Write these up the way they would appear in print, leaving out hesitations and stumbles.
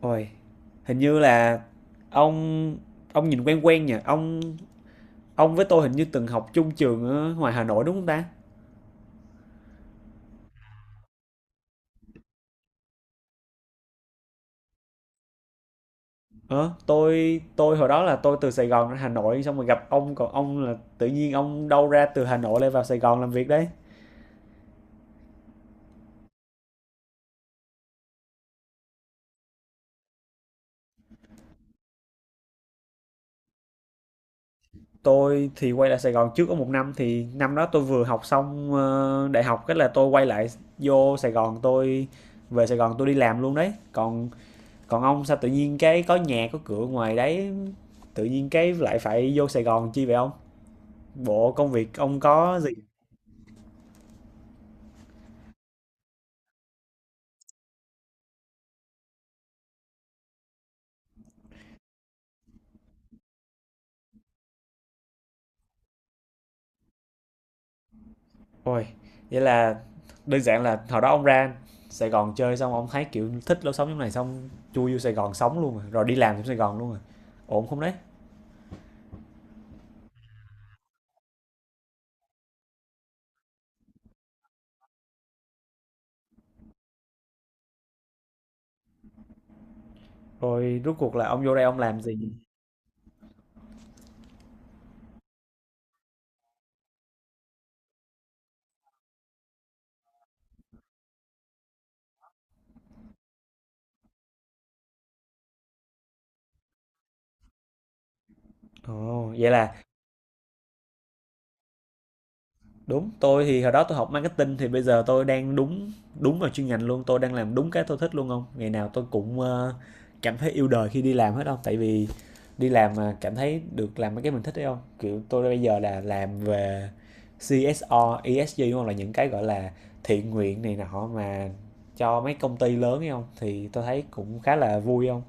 Ôi, hình như là ông ông nhìn quen quen nhỉ? Ông với tôi hình như từng học chung trường ở ngoài Hà Nội đúng không ta? Ờ, tôi hồi đó là tôi từ Sài Gòn ra Hà Nội xong rồi gặp ông, còn ông là tự nhiên ông đâu ra từ Hà Nội lại vào Sài Gòn làm việc đấy. Tôi thì quay lại Sài Gòn trước có một năm, thì năm đó tôi vừa học xong đại học, cái là tôi quay lại vô Sài Gòn, tôi về Sài Gòn tôi đi làm luôn đấy. Còn còn ông sao tự nhiên cái có nhà có cửa ngoài đấy, tự nhiên cái lại phải vô Sài Gòn chi vậy ông, bộ công việc ông có gì? Ôi, vậy là đơn giản là hồi đó ông ra Sài Gòn chơi xong ông thấy kiểu thích lối sống như này xong chui vô Sài Gòn sống luôn rồi, rồi đi làm trong Sài Gòn luôn rồi, ổn không đấy? Rồi rốt cuộc là ông vô đây ông làm gì? Ồ, vậy là... Đúng, tôi thì hồi đó tôi học marketing thì bây giờ tôi đang đúng đúng vào chuyên ngành luôn, tôi đang làm đúng cái tôi thích luôn không? Ngày nào tôi cũng cảm thấy yêu đời khi đi làm hết không, tại vì đi làm mà cảm thấy được làm mấy cái mình thích đấy không? Kiểu tôi bây giờ là làm về CSR, ESG đúng không? Là những cái gọi là thiện nguyện này nọ mà cho mấy công ty lớn ấy không? Thì tôi thấy cũng khá là vui không?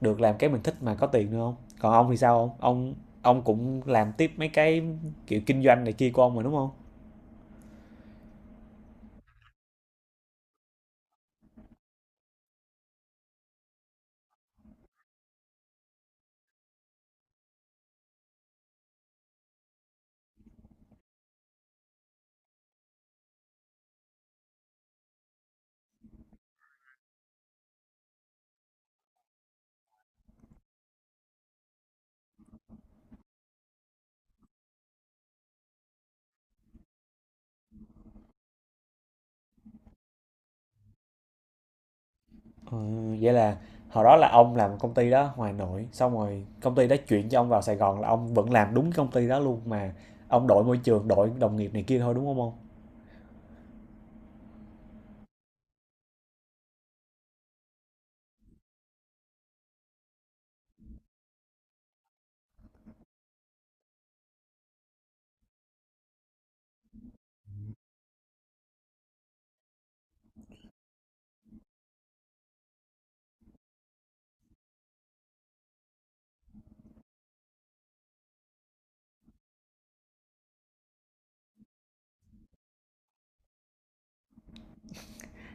Được làm cái mình thích mà có tiền nữa không? Còn ông thì sao không? Ông cũng làm tiếp mấy cái kiểu kinh doanh này kia của ông mà đúng không? Ờ, vậy là hồi đó là ông làm công ty đó ngoài Hà Nội, xong rồi công ty đó chuyển cho ông vào Sài Gòn là ông vẫn làm đúng công ty đó luôn mà ông đổi môi trường, đổi đồng nghiệp này kia thôi đúng không ông?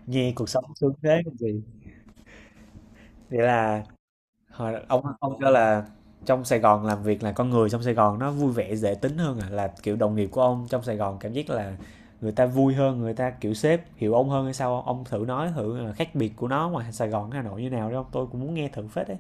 Nghe cuộc sống sướng thế còn gì. Vậy là hồi ông cho là trong Sài Gòn làm việc là con người trong Sài Gòn nó vui vẻ dễ tính hơn à, là kiểu đồng nghiệp của ông trong Sài Gòn cảm giác là người ta vui hơn, người ta kiểu sếp hiểu ông hơn hay sao không? Ông thử nói thử là khác biệt của nó ngoài Sài Gòn với Hà Nội như nào đấy không? Tôi cũng muốn nghe thử phết đấy.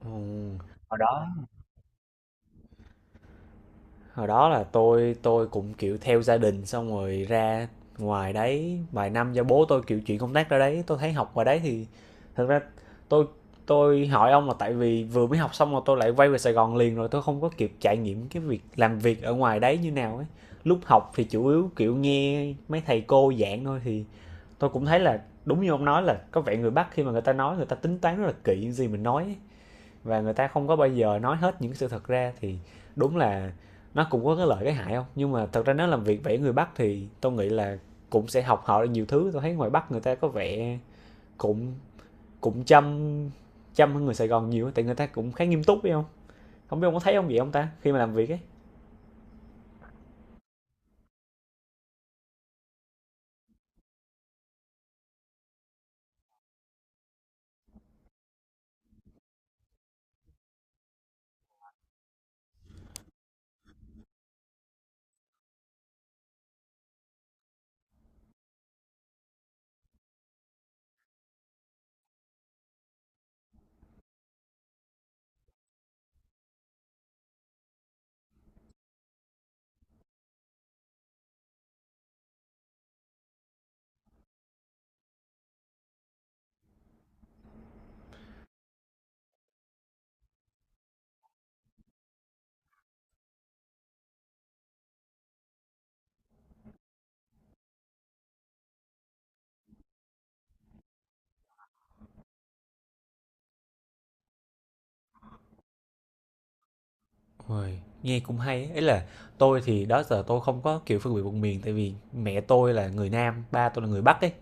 Ừ. Hồi đó là tôi cũng kiểu theo gia đình xong rồi ra ngoài đấy vài năm do bố tôi kiểu chuyển công tác ra đấy, tôi thấy học ngoài đấy thì thật ra tôi tôi hỏi ông là tại vì vừa mới học xong mà tôi lại quay về Sài Gòn liền rồi tôi không có kịp trải nghiệm cái việc làm việc ở ngoài đấy như nào ấy, lúc học thì chủ yếu kiểu nghe mấy thầy cô giảng thôi. Thì tôi cũng thấy là đúng như ông nói, là có vẻ người Bắc khi mà người ta nói, người ta tính toán rất là kỹ những gì mình nói ấy, và người ta không có bao giờ nói hết những sự thật ra. Thì đúng là nó cũng có cái lợi cái hại không, nhưng mà thật ra nếu làm việc vẽ người Bắc thì tôi nghĩ là cũng sẽ học họ nhiều thứ. Tôi thấy ngoài Bắc người ta có vẻ cũng cũng chăm chăm hơn người Sài Gòn nhiều, tại người ta cũng khá nghiêm túc phải không, không biết ông có thấy không vậy ông ta khi mà làm việc ấy? Uầy, nghe cũng hay ấy. Ý là tôi thì đó giờ tôi không có, kiểu, phân biệt vùng miền, tại vì mẹ tôi là người Nam, ba tôi là người Bắc ấy,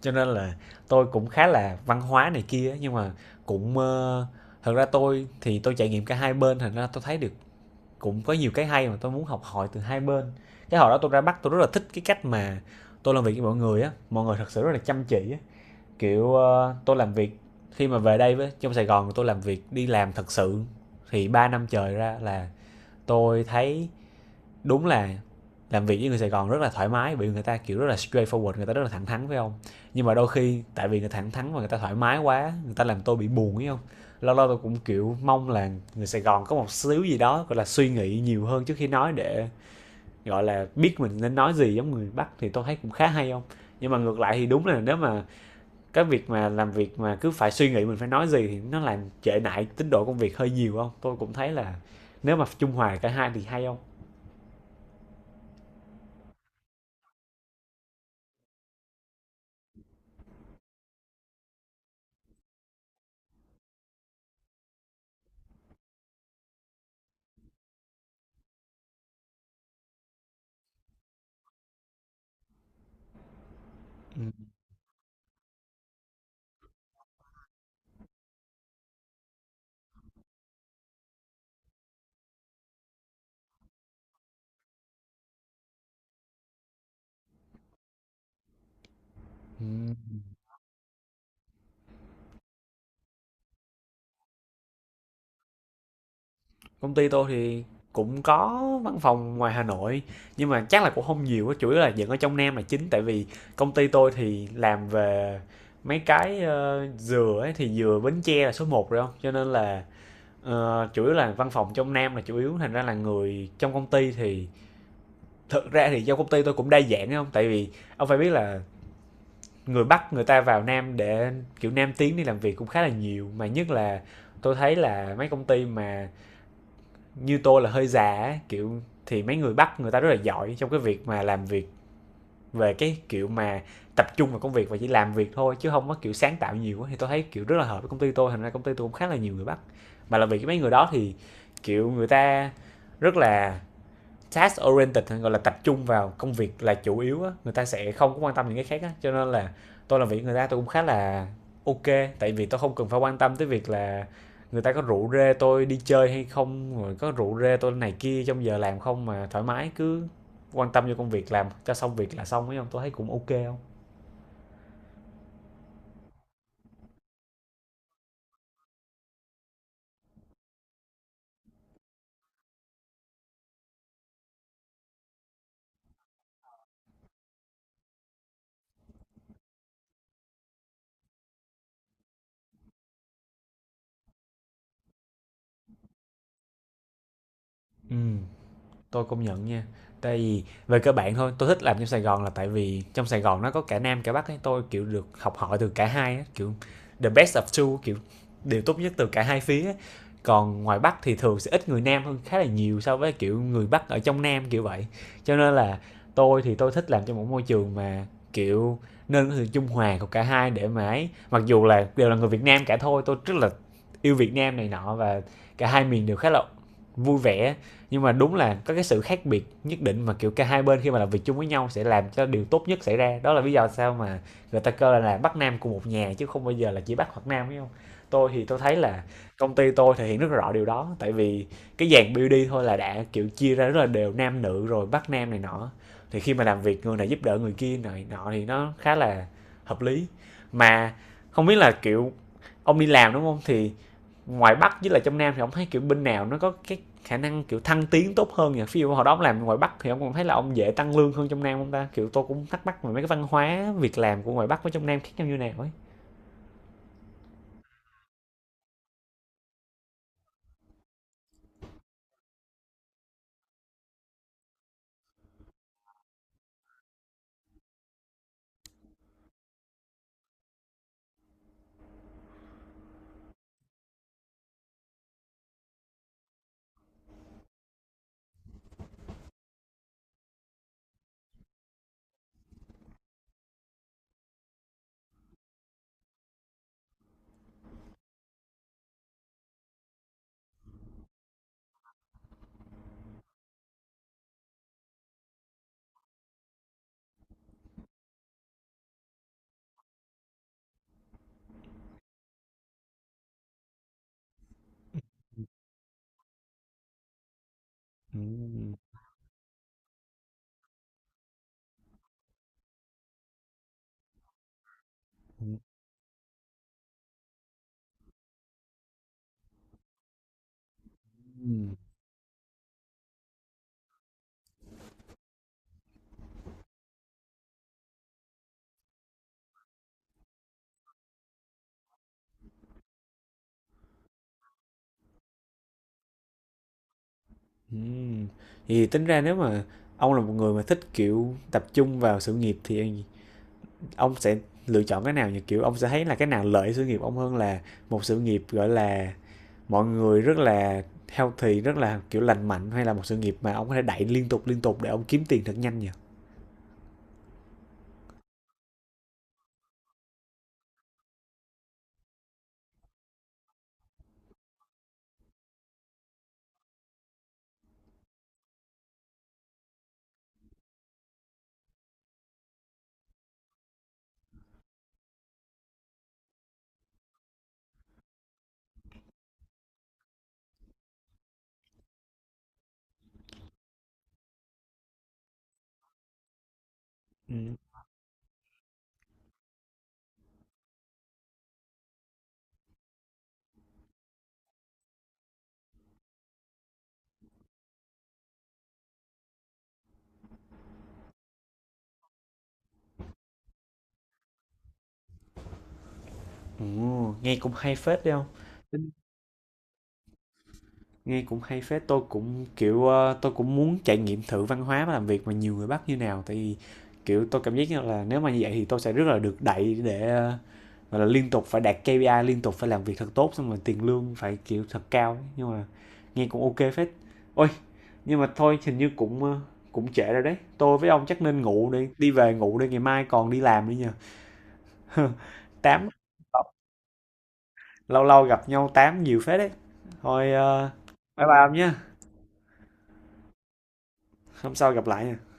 cho nên là tôi cũng khá là văn hóa này kia ấy. Nhưng mà cũng, thật ra tôi thì tôi trải nghiệm cả hai bên, thành ra tôi thấy được cũng có nhiều cái hay mà tôi muốn học hỏi từ hai bên. Cái hồi đó tôi ra Bắc tôi rất là thích cái cách mà tôi làm việc với mọi người á, mọi người thật sự rất là chăm chỉ á. Kiểu, tôi làm việc khi mà về đây với trong Sài Gòn tôi làm việc đi làm thật sự thì 3 năm trời ra là tôi thấy đúng là làm việc với người Sài Gòn rất là thoải mái vì người ta kiểu rất là straightforward, người ta rất là thẳng thắn phải không, nhưng mà đôi khi tại vì người thẳng thắn và người ta thoải mái quá người ta làm tôi bị buồn phải không, lâu lâu tôi cũng kiểu mong là người Sài Gòn có một xíu gì đó gọi là suy nghĩ nhiều hơn trước khi nói để gọi là biết mình nên nói gì giống người Bắc thì tôi thấy cũng khá hay không, nhưng mà ngược lại thì đúng là nếu mà cái việc mà làm việc mà cứ phải suy nghĩ mình phải nói gì thì nó làm trễ nải tiến độ công việc hơi nhiều không, tôi cũng thấy là nếu mà trung hòa cả hai thì hay không. Ừ. Ừ, công ty tôi thì cũng có văn phòng ngoài Hà Nội nhưng mà chắc là cũng không nhiều á, chủ yếu là vẫn ở trong Nam là chính tại vì công ty tôi thì làm về mấy cái dừa ấy thì dừa Bến Tre là số một rồi không, cho nên là chủ yếu là văn phòng trong Nam là chủ yếu, thành ra là người trong công ty thì thực ra thì do công ty tôi cũng đa dạng ấy không, tại vì ông phải biết là người Bắc người ta vào Nam để kiểu Nam tiến đi làm việc cũng khá là nhiều mà, nhất là tôi thấy là mấy công ty mà như tôi là hơi già kiểu thì mấy người Bắc người ta rất là giỏi trong cái việc mà làm việc về cái kiểu mà tập trung vào công việc và chỉ làm việc thôi chứ không có kiểu sáng tạo nhiều á. Thì tôi thấy kiểu rất là hợp với công ty tôi, thành ra công ty tôi cũng khá là nhiều người Bắc, mà là vì cái mấy người đó thì kiểu người ta rất là task oriented, gọi là tập trung vào công việc là chủ yếu á, người ta sẽ không có quan tâm những cái khác á, cho nên là tôi làm việc người ta tôi cũng khá là ok, tại vì tôi không cần phải quan tâm tới việc là người ta có rủ rê tôi đi chơi hay không rồi có rủ rê tôi này kia trong giờ làm không, mà thoải mái cứ quan tâm vô công việc làm cho xong việc là xong ấy không, tôi thấy cũng ok không. Ừ, tôi công nhận nha, tại vì về cơ bản thôi tôi thích làm trong Sài Gòn là tại vì trong Sài Gòn nó có cả Nam cả Bắc ấy, tôi kiểu được học hỏi từ cả hai á, kiểu the best of two, kiểu điều tốt nhất từ cả hai phía ấy. Còn ngoài Bắc thì thường sẽ ít người Nam hơn khá là nhiều so với kiểu người Bắc ở trong Nam kiểu vậy, cho nên là tôi thì tôi thích làm trong một môi trường mà kiểu nên có sự trung hòa của cả hai để mà ấy, mặc dù là đều là người Việt Nam cả thôi, tôi rất là yêu Việt Nam này nọ và cả hai miền đều khá là vui vẻ, nhưng mà đúng là có cái sự khác biệt nhất định mà kiểu cả hai bên khi mà làm việc chung với nhau sẽ làm cho điều tốt nhất xảy ra, đó là lý do sao mà người ta kêu là bắc nam của một nhà chứ không bao giờ là chỉ bắc hoặc nam phải không. Tôi thì tôi thấy là công ty tôi thể hiện rất rõ điều đó, tại vì cái dàn BD thôi là đã kiểu chia ra rất là đều nam nữ rồi bắc nam này nọ, thì khi mà làm việc người này giúp đỡ người kia này nọ thì nó khá là hợp lý. Mà không biết là kiểu ông đi làm đúng không, thì ngoài bắc với là trong nam thì ông thấy kiểu bên nào nó có cái khả năng kiểu thăng tiến tốt hơn nhỉ, ví dụ hồi đó ông làm ngoài bắc thì ông còn thấy là ông dễ tăng lương hơn trong nam không ta, kiểu tôi cũng thắc mắc về mấy cái văn hóa việc làm của ngoài bắc với trong nam khác nhau như nào ấy. Ừm, ừm, ừm, ừm. Thì tính ra nếu mà ông là một người mà thích kiểu tập trung vào sự nghiệp thì ông sẽ lựa chọn cái nào nhỉ, kiểu ông sẽ thấy là cái nào lợi sự nghiệp ông hơn, là một sự nghiệp gọi là mọi người rất là healthy, rất là kiểu lành mạnh, hay là một sự nghiệp mà ông có thể đẩy liên tục để ông kiếm tiền thật nhanh nhỉ? Ừ. Ồ, nghe cũng hay phết đấy không? Tính- Nghe cũng hay phết. Tôi cũng kiểu tôi cũng muốn trải nghiệm thử văn hóa và làm việc mà nhiều người Bắc như nào. Tại vì kiểu tôi cảm giác như là nếu mà như vậy thì tôi sẽ rất là được đẩy để gọi là liên tục phải đạt KPI, liên tục phải làm việc thật tốt xong rồi tiền lương phải kiểu thật cao ấy. Nhưng mà nghe cũng ok phết. Ôi, nhưng mà thôi hình như cũng cũng trễ rồi đấy. Tôi với ông chắc nên ngủ đi, đi về ngủ đi ngày mai còn đi làm nữa nha. 8 lâu lâu gặp nhau tám nhiều phết đấy, thôi bye bye ông nhé, hôm sau gặp lại nha.